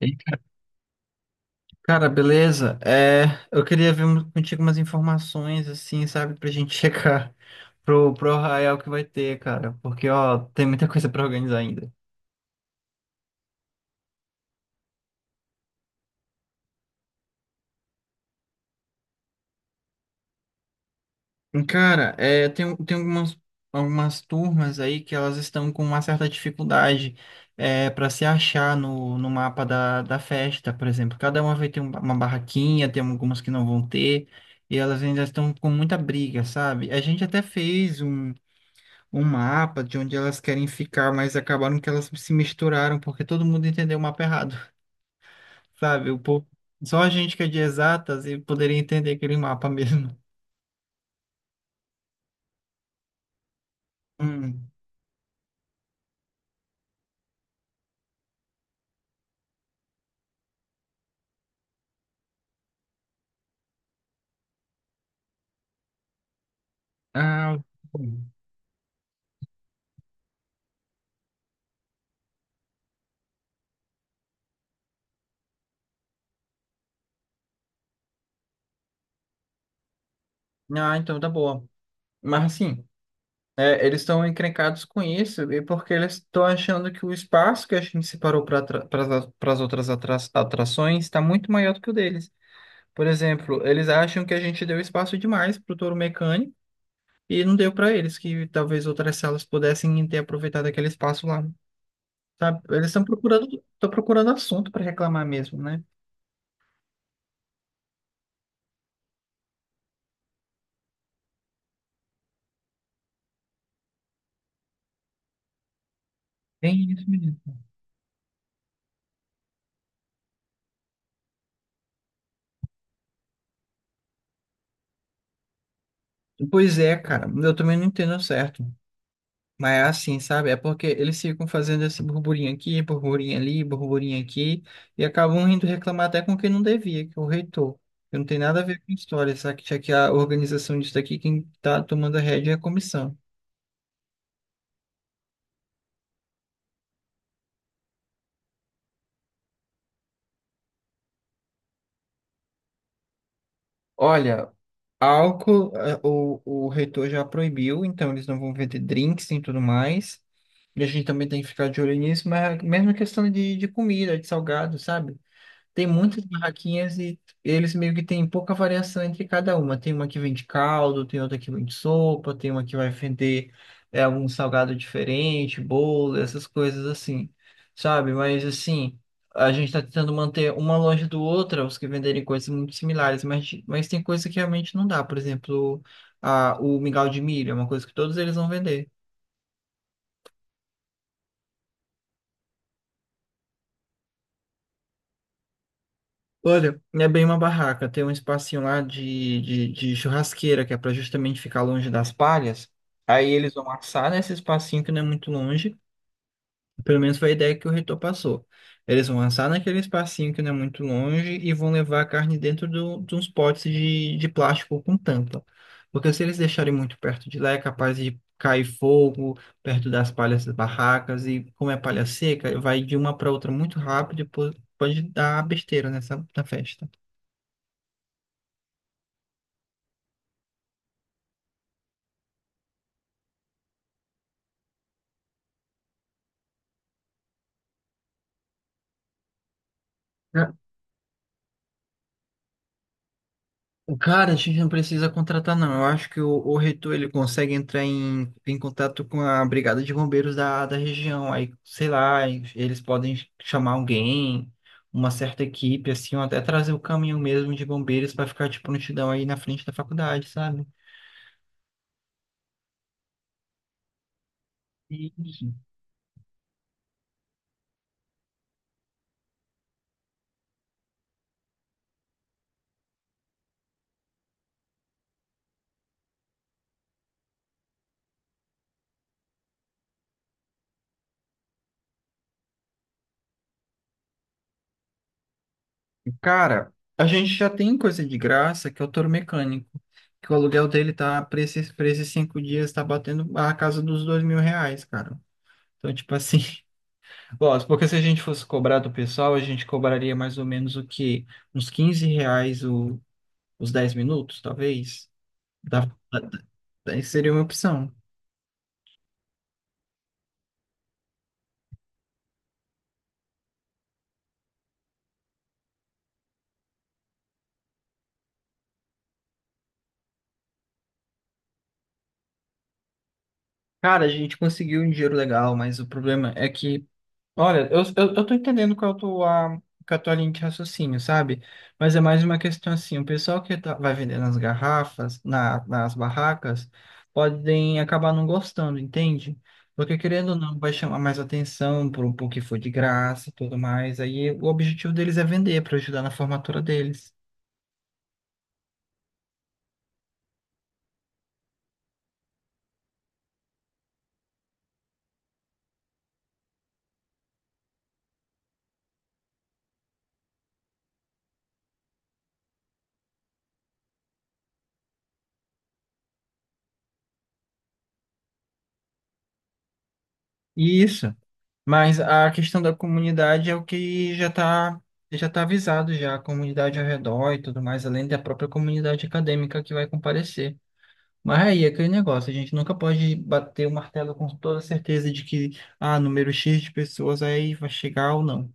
Ei, cara, beleza? Eu queria ver contigo umas informações, assim, sabe, pra gente checar pro Arraial que vai ter, cara, porque, ó, tem muita coisa pra organizar ainda. Cara, tem algumas, algumas turmas aí que elas estão com uma certa dificuldade para se achar no mapa da festa, por exemplo. Cada uma vai ter uma barraquinha, tem algumas que não vão ter, e elas ainda estão com muita briga, sabe? A gente até fez um mapa de onde elas querem ficar, mas acabaram que elas se misturaram porque todo mundo entendeu o mapa errado, sabe? O povo, só a gente que é de exatas e poderia entender aquele mapa mesmo. Hum. Ah, hum. Ah, então tá boa. Mas assim, é, eles estão encrencados com isso e porque eles estão achando que o espaço que a gente separou para as outras atrações está muito maior do que o deles. Por exemplo, eles acham que a gente deu espaço demais para o touro mecânico. E não deu para eles, que talvez outras salas pudessem ter aproveitado aquele espaço lá, sabe? Estão procurando assunto para reclamar mesmo, né? Tem isso mesmo. Pois é, cara, eu também não entendo certo. Mas é assim, sabe? É porque eles ficam fazendo esse burburinho aqui, burburinho ali, burburinho aqui, e acabam indo reclamar até com quem não devia, que é o reitor. Que não tem nada a ver com história, sabe? Já que a organização disso daqui, quem tá tomando a rédea é a comissão. Olha, álcool, o reitor já proibiu, então eles não vão vender drinks e tudo mais. E a gente também tem que ficar de olho nisso, mas é a mesma questão de comida, de salgado, sabe? Tem muitas barraquinhas e eles meio que têm pouca variação entre cada uma. Tem uma que vende caldo, tem outra que vende sopa, tem uma que vai vender algum salgado diferente, bolo, essas coisas assim, sabe? Mas assim, a gente está tentando manter uma longe do outra, os que venderem coisas muito similares, mas tem coisa que realmente não dá. Por exemplo, o mingau de milho é uma coisa que todos eles vão vender. Olha, é bem uma barraca. Tem um espacinho lá de churrasqueira, que é para justamente ficar longe das palhas. Aí eles vão assar nesse espacinho, que não é muito longe. Pelo menos foi a ideia que o reitor passou. Eles vão assar naquele espacinho, que não é muito longe, e vão levar a carne dentro de uns potes de plástico com tampa. Porque se eles deixarem muito perto de lá, é capaz de cair fogo perto das palhas das barracas. E como é palha seca, vai de uma para outra muito rápido e pode dar besteira nessa na festa. Ca- Cara, a gente não precisa contratar, não. Eu acho que o reitor, ele consegue entrar em contato com a brigada de bombeiros da região. Aí, sei lá, eles podem chamar alguém, uma certa equipe, assim, ou até trazer o caminhão mesmo de bombeiros para ficar de prontidão aí na frente da faculdade, sabe? E, cara, a gente já tem coisa de graça, que é o touro mecânico. Que o aluguel dele tá, para esses 5 dias, tá batendo a casa dos R$ 2.000, cara. Então, tipo assim. Gosto, porque se a gente fosse cobrar do pessoal, a gente cobraria mais ou menos o quê? Uns 15 reais os 10 minutos, talvez? Da, da- seria uma opção. Cara, a gente conseguiu um dinheiro legal, mas o problema é que olha, eu tô entendendo qual é a qual é a tua linha de raciocínio, sabe? Mas é mais uma questão assim, o pessoal que vai vender nas garrafas, nas barracas, podem acabar não gostando, entende? Porque querendo ou não, vai chamar mais atenção pro, pro que for de graça e tudo mais. Aí o objetivo deles é vender para ajudar na formatura deles. Isso. Mas a questão da comunidade é o que já tá avisado já, a comunidade ao redor e tudo mais, além da própria comunidade acadêmica que vai comparecer. Mas aí é aquele negócio, a gente nunca pode bater o martelo com toda certeza de que, ah, número X de pessoas aí vai chegar ou não.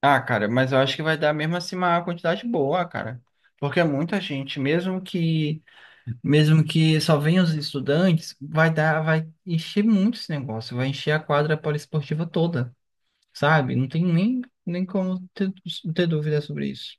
Ah, cara, mas eu acho que vai dar mesmo assim uma quantidade boa, cara. Porque é muita gente, mesmo que só venham os estudantes, vai dar, vai encher muito esse negócio, vai encher a quadra poliesportiva toda, sabe? Não tem nem como ter dúvida sobre isso.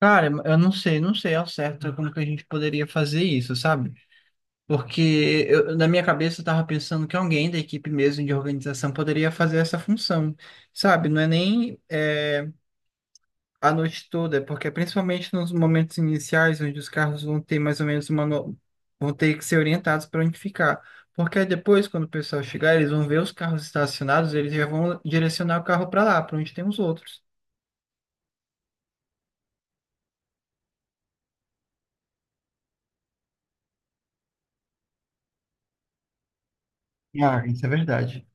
Cara, eu não sei, não sei ao certo como que a gente poderia fazer isso, sabe? Porque na minha cabeça eu estava pensando que alguém da equipe mesmo de organização poderia fazer essa função, sabe? Não é nem é, a noite toda, é porque principalmente nos momentos iniciais, onde os carros vão ter mais ou menos uma. No- vão ter que ser orientados para onde ficar. Porque aí depois, quando o pessoal chegar, eles vão ver os carros estacionados, eles já vão direcionar o carro para lá, para onde tem os outros. Ah, isso é verdade.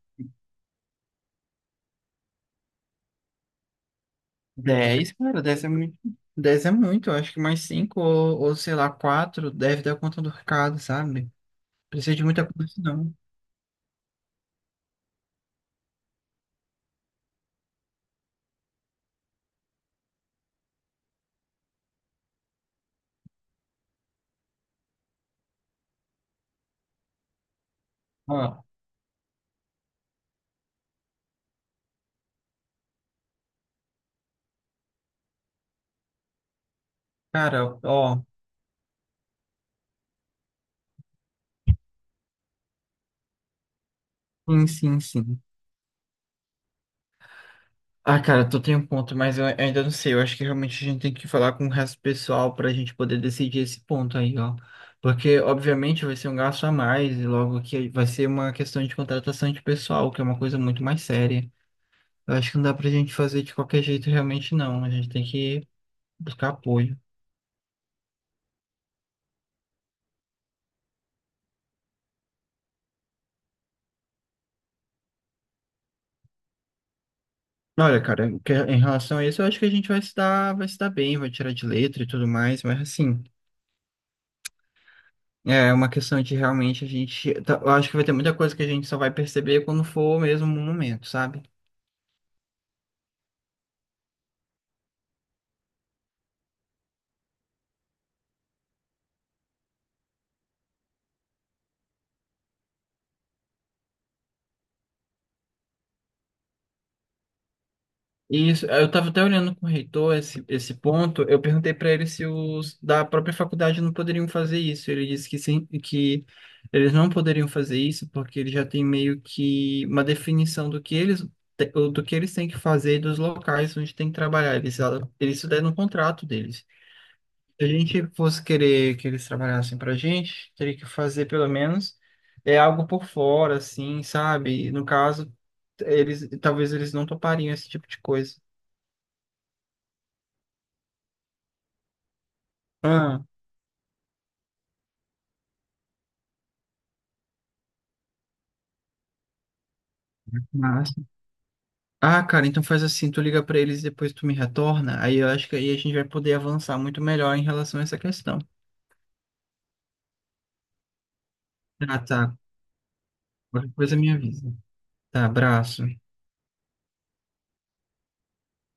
10, cara, 10 é muito. 10 é muito, eu acho que mais 5 ou sei lá, 4 deve dar conta do recado, sabe? Precisa de muita coisa, não. Ó, cara, ó. Sim, sim, sim. Ah, cara, tu tem um ponto, mas eu ainda não sei. Eu acho que realmente a gente tem que falar com o resto do pessoal para a gente poder decidir esse ponto aí, ó. Porque, obviamente, vai ser um gasto a mais, e logo que vai ser uma questão de contratação de pessoal, que é uma coisa muito mais séria. Eu acho que não dá pra gente fazer de qualquer jeito, realmente, não. A gente tem que buscar apoio. Olha, cara, em relação a isso, eu acho que a gente vai se dar bem, vai tirar de letra e tudo mais, mas assim. É é uma questão de realmente a gente. Eu acho que vai ter muita coisa que a gente só vai perceber quando for mesmo no momento, sabe? E isso, eu estava até olhando com o reitor esse ponto. Eu perguntei para ele se os da própria faculdade não poderiam fazer isso. Ele disse que sim, que eles não poderiam fazer isso porque ele já tem meio que uma definição do que eles do que eles têm que fazer e dos locais onde têm que trabalhar. Eles isso daí no contrato deles. Se a gente fosse querer que eles trabalhassem pra gente, teria que fazer pelo menos algo por fora, assim, sabe? No caso, eles não topariam esse tipo de coisa. Ah, massa. Ah, cara, então faz assim, tu liga pra eles e depois tu me retorna. Aí eu acho que aí a gente vai poder avançar muito melhor em relação a essa questão. Ah, tá. Qualquer coisa me avisa. Tá, abraço.